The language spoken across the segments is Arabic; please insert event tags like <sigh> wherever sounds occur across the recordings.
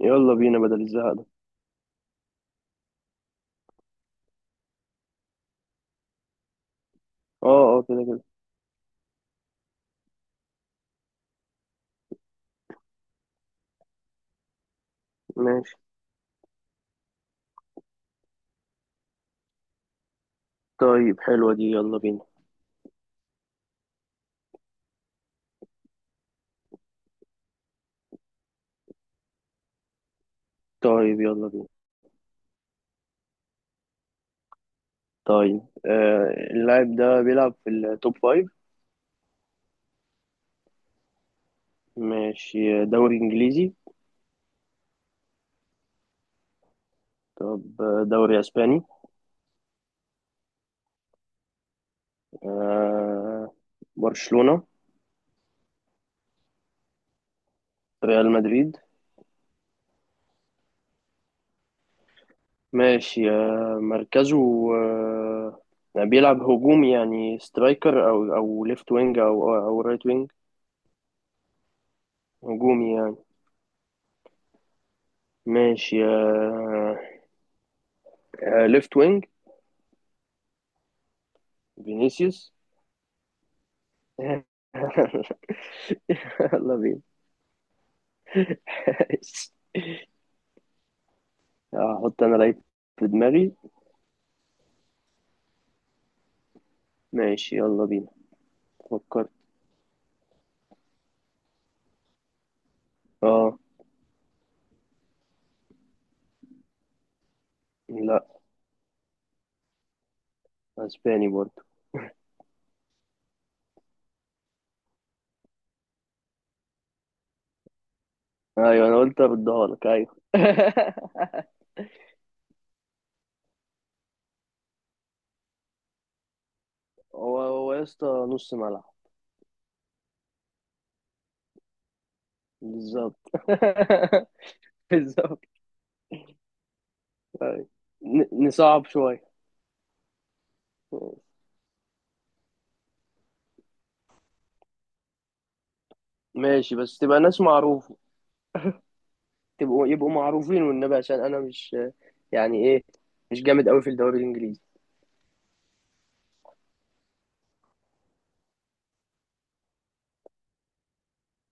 يلا بينا بدل الزهق ده. اه، اه، كده كده. ماشي. طيب، حلوة دي، يلا بينا. طيب، يلا بينا. طيب، اللاعب ده بيلعب في التوب فايف. ماشي، دوري انجليزي. طب، دوري اسباني. آه. برشلونة. ريال مدريد. ماشي، مركزه. آه بيلعب هجومي، يعني سترايكر او ليفت وينج او رايت وينج. هجومي يعني. ماشي، آه. آه، ليفت وينج. فينيسيوس. <laughs> يلا بينا. <laughs> هحط انا لعيب في دماغي. ماشي، يلا بينا. فكرت. اه. لا. اسباني برضه. ايوه، انا قلت اردها لك ايوه. <laughs> هو هو يا اسطى، نص ملعب. بالظبط. <laughs> بالظبط. أيوة. نصعب شويه. ماشي، بس تبقى ناس معروفه. تبقوا يبقوا معروفين والنبي، عشان انا مش. يعني ايه. مش جامد قوي في الدوري الانجليزي.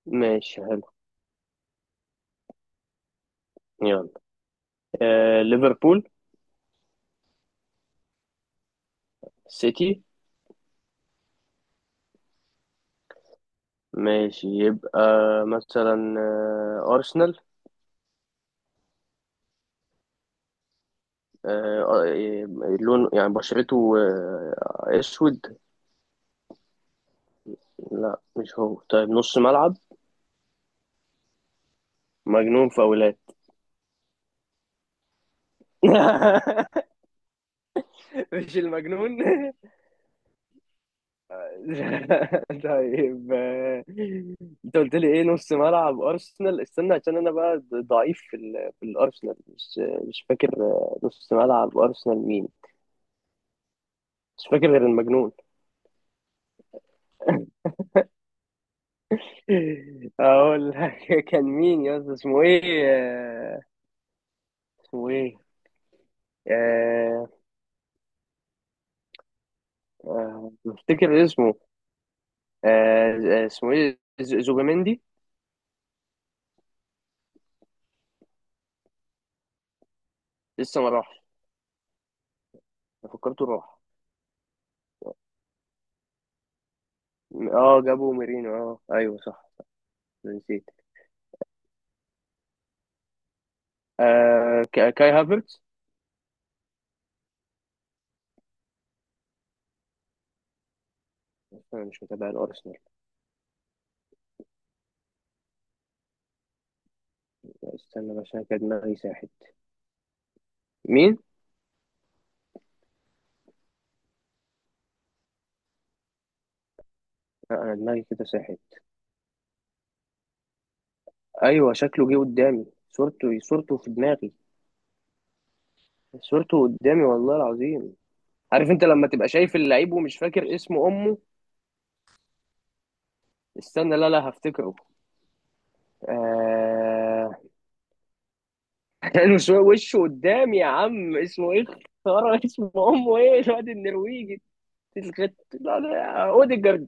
ماشي، حلو. يلا. ليفربول. سيتي. ماشي، يبقى مثلا، أرسنال. لون يعني بشرته، أسود. لا مش هو، طيب نص ملعب. مجنون فاولات. <laughs> مش المجنون. <laughs> طيب، انت قلت لي ايه، نص ملعب ارسنال، استنى عشان انا بقى ضعيف في في الارسنال مش. مش فاكر، نص ملعب ارسنال مين. مش فاكر غير المجنون. اقول لك <laughs> كان مين يا اسطى، اسمه ايه، اسمه ايه. آه، بفتكر اسمه. آه، اسمه ايه، زوبيمندي. لسه ما راحش. أنا فكرته راح. اه، جابوا ميرينو، اه ايوه صح. أنا نسيت. كاي هافرتز. انا مش متابع الارسنال. استنى بس، انا كان دماغي ساحت. مين. انا دماغي كده ساحت. ايوه، شكله جه قدامي. صورته في دماغي. صورته قدامي، والله العظيم. عارف انت لما تبقى شايف اللعيب ومش فاكر اسم امه. استنى، لا لا، هفتكره. آه... <laughs> لانه شوية وشه قدامي يا عم، اسمه ايه. خرا اسم <laughs> امه، ايه الواد النرويجي. الخت. لا لا، اوديجارد.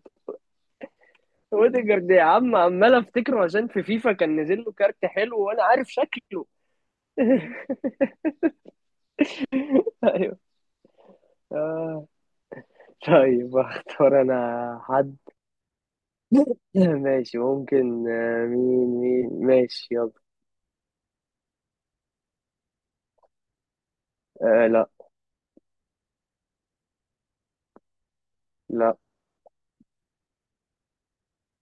اوديجارد يا عم، عمال افتكره عشان في فيفا كان نزل له كارت حلو، وانا عارف شكله. <laughs> ايوه. آه. طيب، اختار انا حد. <laughs> ماشي، ممكن مين، ماشي يلا. لا. لا.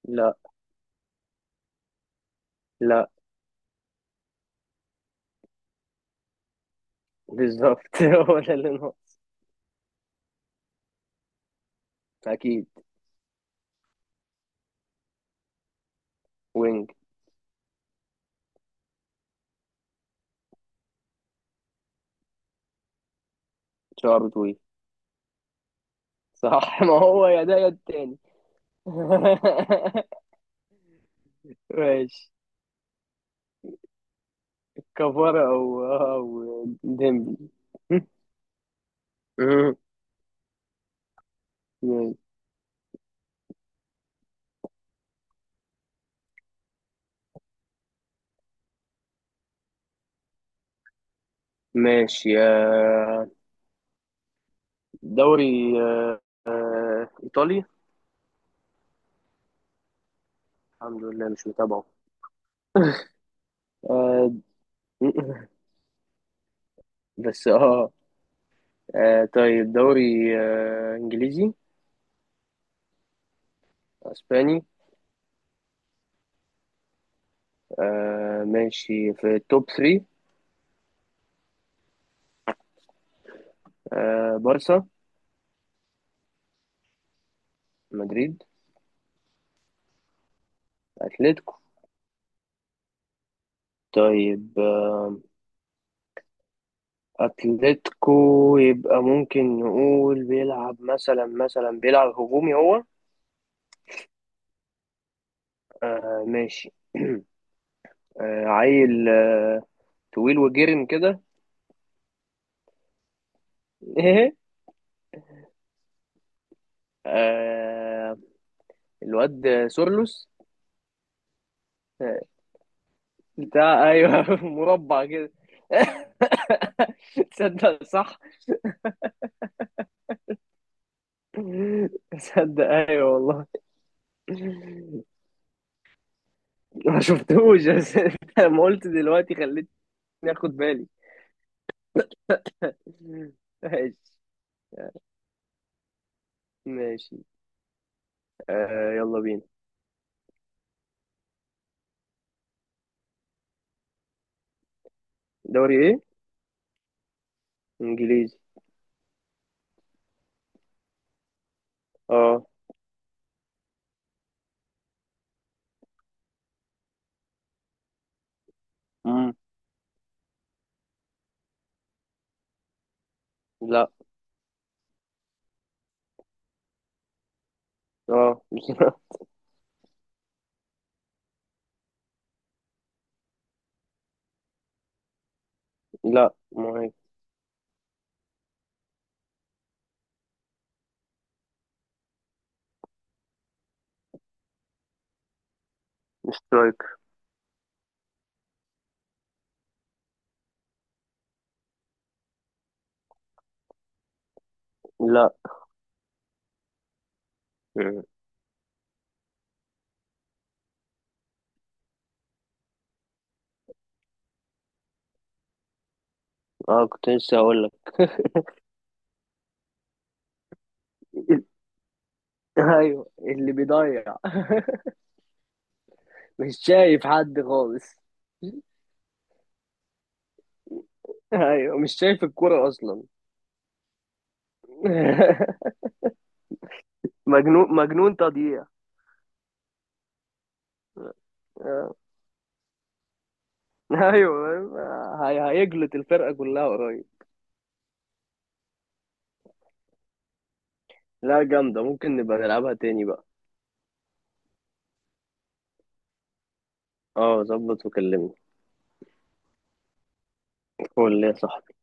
لا. لا. بالظبط. <laughs> هو ده اللي ناقص. اكيد. وينج. شعره طويل. صح. <laughs> ما هو يا ده يا التاني. <laughs> ماشي. كفارة او ديمبلي. <laughs> مم. ماشي يا، دوري، آه، ايطالي. الحمد لله مش متابعه. آه، <laughs> بس اه. طيب دوري انجليزي. اسباني. ماشي في التوب 3. بارسا. مدريد. أتلتيكو. طيب، أتلتيكو. يبقى ممكن نقول بيلعب مثلا بيلعب هجومي هو. ماشي. <clears throat> عيل، طويل وجرم كده. <laughs> ايه. آه. الواد سورلوس. آه، بتاع، ايوه <laughs> مربع كده. <laughs> تصدق صح. تصدق، ايوه والله. ما شفتهوش بس، <laughs> لما قلت دلوقتي خليتني اخد بالي. مم. ماشي. ماشي. يلا بينا. دوري ايه؟ انجليزي. اه. مم. لا. اه. <laughs> لا، مهاجم. سترايك. لا. مم. اه، كنت لسه هقول لك. <laughs> ايوه، اللي بيضيع. <laughs> مش شايف حد خالص. <laughs> ايوه، مش شايف الكرة اصلا. <laughs> مجنون مجنون تضييع. <laughs> آه. ايوه. هيجلط الفرقة كلها قريب. لا، جامدة، ممكن نبقى نلعبها تاني بقى. اه، ظبط وكلمني. الفل يا صاحبي.